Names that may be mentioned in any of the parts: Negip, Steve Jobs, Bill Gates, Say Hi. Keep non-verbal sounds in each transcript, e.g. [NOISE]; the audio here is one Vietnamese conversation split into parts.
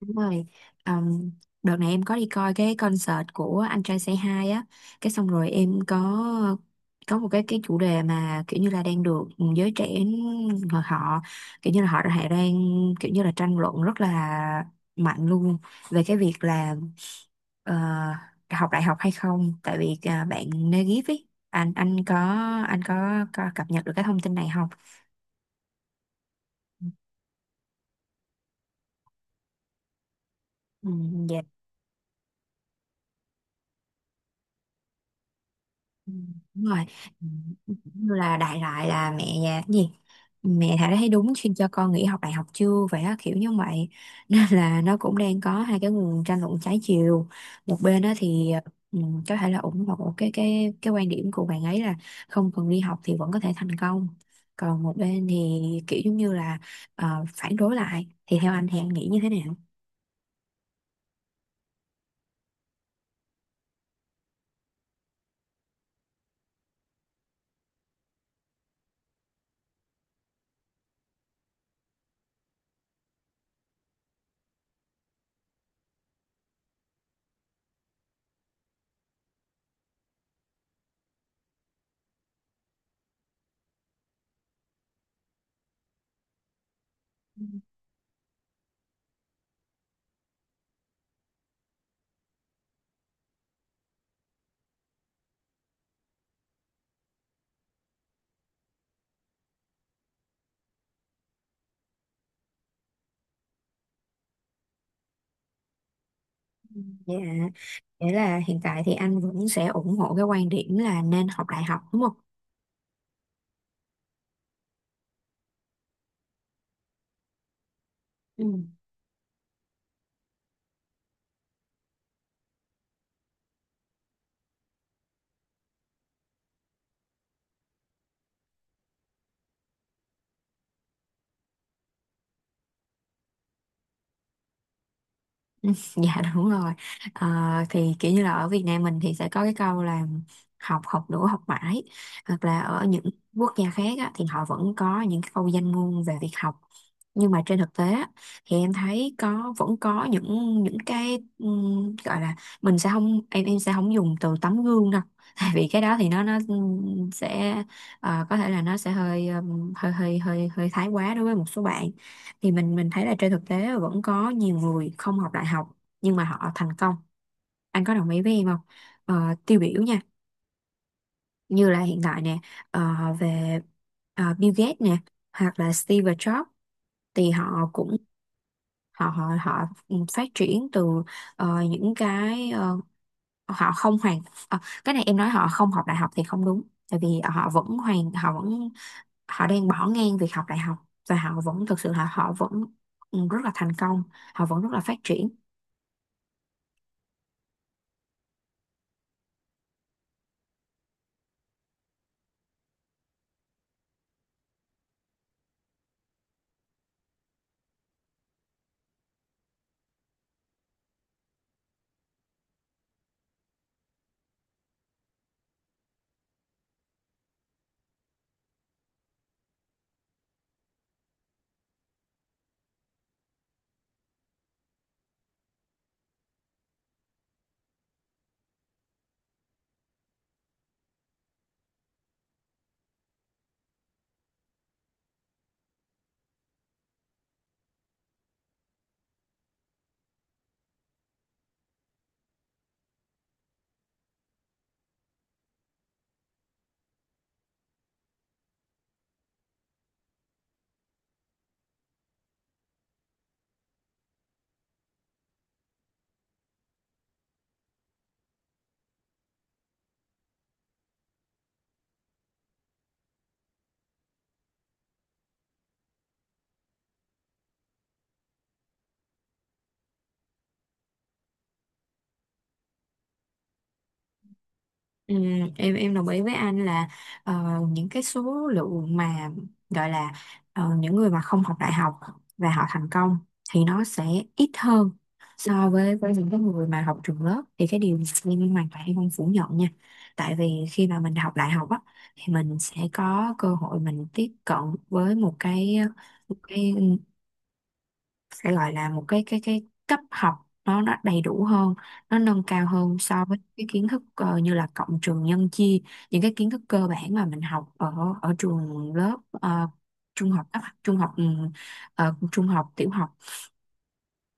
Đúng rồi. Ờm, Đợt này em có đi coi cái concert của anh trai Say Hi á, cái xong rồi em có một cái chủ đề mà kiểu như là đang được giới trẻ họ họ- kiểu như là họ đã đang kiểu như là tranh luận rất là mạnh luôn về cái việc là ờ, học đại học hay không, tại vì bạn Negip ấy, anh có anh có cập nhật được cái thông tin này không? Ừ, dạ. Ừ, đúng rồi. Ừ, như là đại loại là mẹ nhà cái gì, mẹ Thảo đã thấy đúng khi cho con nghỉ học đại học chưa vậy á, kiểu như vậy [LAUGHS] nên là nó cũng đang có hai cái nguồn tranh luận trái chiều. Một bên đó thì ừ, có thể là ủng hộ cái quan điểm của bạn ấy là không cần đi học thì vẫn có thể thành công. Còn một bên thì kiểu giống như là phản đối lại. Thì theo anh thì anh nghĩ như thế nào? Dạ, nghĩa là hiện tại thì anh vẫn sẽ ủng hộ cái quan điểm là nên học đại học đúng không? Ừ. [LAUGHS] Dạ đúng rồi. Ờ, thì kiểu như là ở Việt Nam mình thì sẽ có cái câu là học học đủ học mãi, hoặc là ở những quốc gia khác á, thì họ vẫn có những cái câu danh ngôn về việc học. Nhưng mà trên thực tế á, thì em thấy vẫn có những cái gọi là, mình sẽ không, em sẽ không dùng từ tấm gương đâu [LAUGHS] tại vì cái đó thì nó sẽ có thể là nó sẽ hơi hơi hơi hơi hơi thái quá đối với một số bạn. Thì mình thấy là trên thực tế là vẫn có nhiều người không học đại học nhưng mà họ thành công. Anh có đồng ý với em không? Ờ, tiêu biểu nha, như là hiện tại nè, ờ, về Bill Gates nè, hoặc là Steve Jobs, thì họ cũng họ họ họ phát triển từ ờ, những cái ờ, họ không hoàn ờ, cái này em nói họ không học đại học thì không đúng, tại vì họ vẫn họ đang bỏ ngang việc học đại học và họ vẫn thực sự là họ vẫn ừ, rất là thành công, họ vẫn rất là phát triển. Ừ, em đồng ý với anh là ờ, những cái số lượng mà gọi là những người mà không học đại học và họ thành công thì nó sẽ ít hơn so với những cái người mà học trường lớp. Thì cái điều này em hoàn toàn em không phủ nhận nha, tại vì khi mà mình học đại học á, thì mình sẽ có cơ hội mình tiếp cận với một cái sẽ gọi là một cái cấp học, nó đầy đủ hơn, nó nâng cao hơn so với cái kiến thức như là cộng trừ nhân chia, những cái kiến thức cơ bản mà mình học ở ở trường lớp, trung học cấp trung học ừ, trung học tiểu học.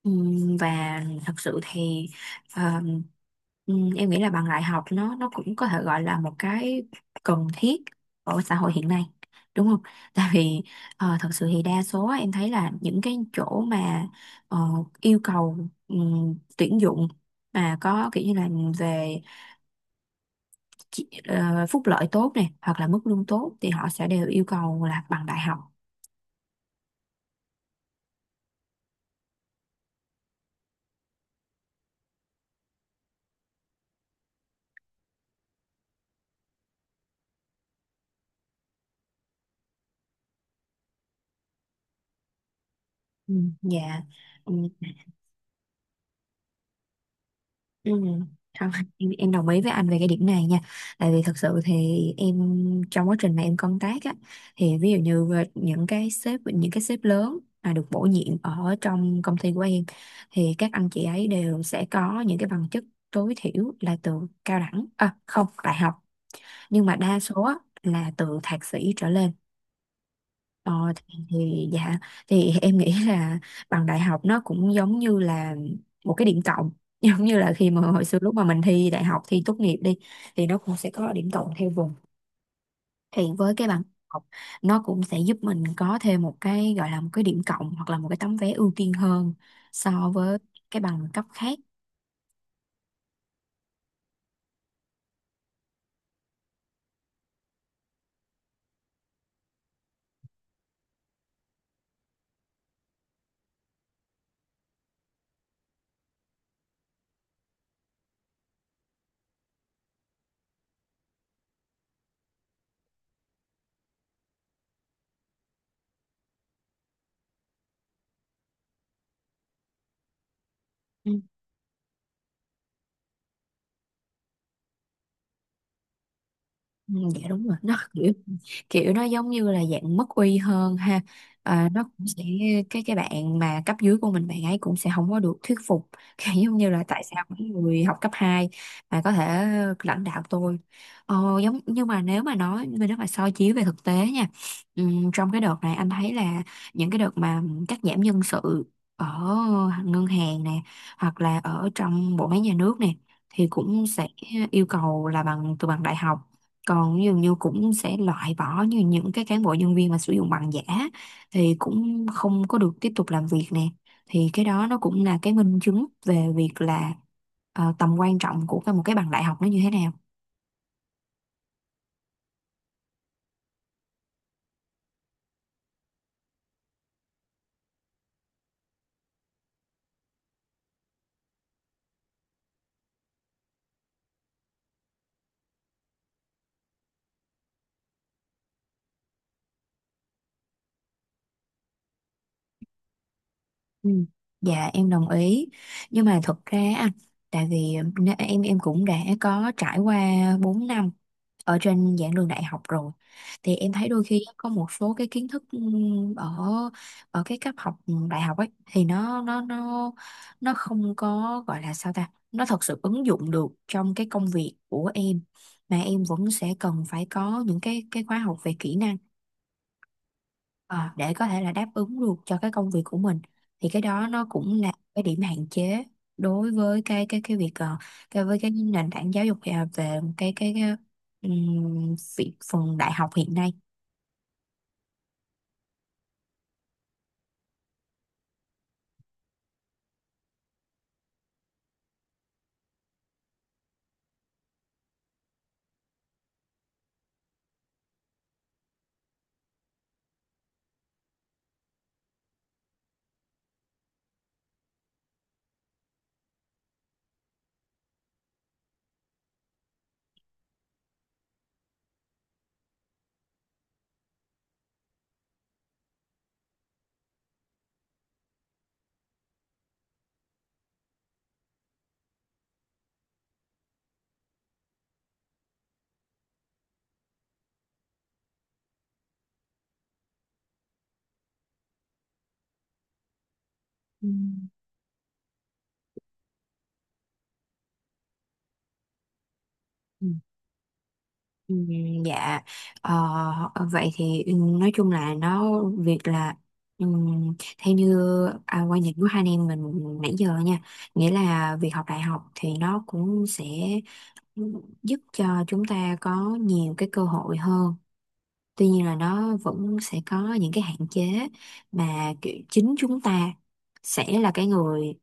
Và thật sự thì ờ, em nghĩ là bằng đại học nó cũng có thể gọi là một cái cần thiết ở xã hội hiện nay đúng không? [LAUGHS] Tại vì thật sự thì đa số á, em thấy là những cái chỗ mà ờ, yêu cầu tuyển dụng mà có kiểu như là về phúc lợi tốt này hoặc là mức lương tốt thì họ sẽ đều yêu cầu là bằng đại học. Ừ, dạ. Ừ. Không, em đồng ý với anh về cái điểm này nha, tại vì thật sự thì em trong quá trình mà em công tác á, thì ví dụ như về những cái sếp lớn mà được bổ nhiệm ở trong công ty của em, thì các anh chị ấy đều sẽ có những cái bằng chức tối thiểu là từ cao đẳng không, đại học, nhưng mà đa số á, là từ thạc sĩ trở lên. Ờ, thì dạ, thì em nghĩ là bằng đại học nó cũng giống như là một cái điểm cộng [LAUGHS] giống như là khi mà hồi xưa lúc mà mình thi đại học thi tốt nghiệp đi, thì nó cũng sẽ có điểm cộng theo vùng, thì với cái bằng học nó cũng sẽ giúp mình có thêm một cái gọi là một cái điểm cộng hoặc là một cái tấm vé ưu tiên hơn so với cái bằng cấp khác. Ừ. Ừ, dạ đúng rồi, nó kiểu kiểu nó giống như là dạng mất uy hơn ha. Nó cũng sẽ, cái bạn mà cấp dưới của mình bạn ấy cũng sẽ không có được thuyết phục [LAUGHS] kiểu giống như là tại sao mấy người học cấp 2 mà có thể lãnh đạo tôi. Giống nhưng mà nếu mà nói, nếu mà soi chiếu về thực tế nha, trong cái đợt này anh thấy là những cái đợt mà cắt giảm nhân sự ở ngân hàng nè hoặc là ở trong bộ máy nhà nước nè, thì cũng sẽ yêu cầu là từ bằng đại học, còn dường như cũng sẽ loại bỏ như những cái cán bộ nhân viên mà sử dụng bằng giả thì cũng không có được tiếp tục làm việc nè. Thì cái đó nó cũng là cái minh chứng về việc là tầm quan trọng của một cái bằng đại học nó như thế nào. Ừ. Dạ em đồng ý, nhưng mà thật ra á, tại vì em cũng đã có trải qua 4 năm ở trên giảng đường đại học rồi, thì em thấy đôi khi có một số cái kiến thức ở ở cái cấp học đại học ấy thì nó không có gọi là sao ta, nó thật sự ứng dụng được trong cái công việc của em, mà em vẫn sẽ cần phải có những cái khóa học về kỹ năng. Ờ, để có thể là đáp ứng được cho cái công việc của mình, thì cái đó nó cũng là cái điểm hạn chế đối với cái cái việc ờ, cái với cái nền tảng giáo dục về cái việc phần đại học hiện nay. Ừ. Ừ. Ừ, dạ. Ờ, vậy thì nói chung là nó việc là theo như quan điểm của hai anh em mình nãy giờ nha, nghĩa là việc học đại học thì nó cũng sẽ giúp cho chúng ta có nhiều cái cơ hội hơn, tuy nhiên là nó vẫn sẽ có những cái hạn chế mà kiểu chính chúng ta sẽ là cái người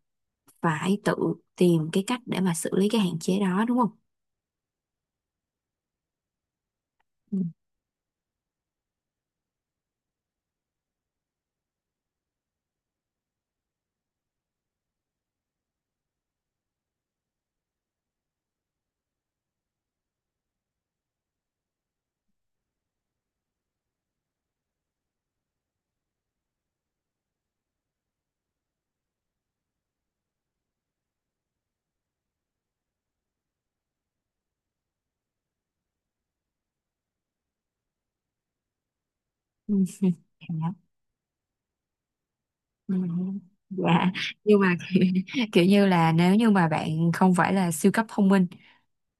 phải tự tìm cái cách để mà xử lý cái hạn chế đó đúng không? Ừ. Ừ. Ừ, dạ. Nhưng mà [LAUGHS] kiểu như là nếu như mà bạn không phải là siêu cấp thông minh,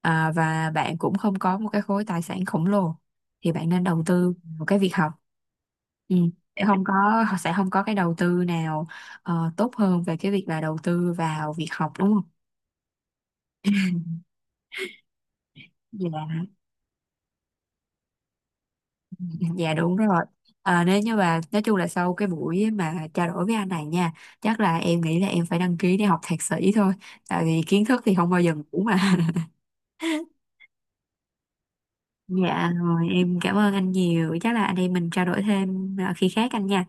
và bạn cũng không có một cái khối tài sản khổng lồ, thì bạn nên đầu tư vào cái việc học. Ừ. Sẽ không có [LAUGHS] sẽ không có cái đầu tư nào tốt hơn về cái việc là đầu tư vào việc học đúng không? Dạ, [LAUGHS] dạ đúng rồi. À, nếu như mà nói chung là sau cái buổi mà trao đổi với anh này nha, chắc là em nghĩ là em phải đăng ký để học thạc sĩ thôi. Tại vì kiến thức thì không bao giờ ngủ mà. Dạ rồi em cảm ơn anh nhiều. Chắc là anh em mình trao đổi thêm khi khác anh nha.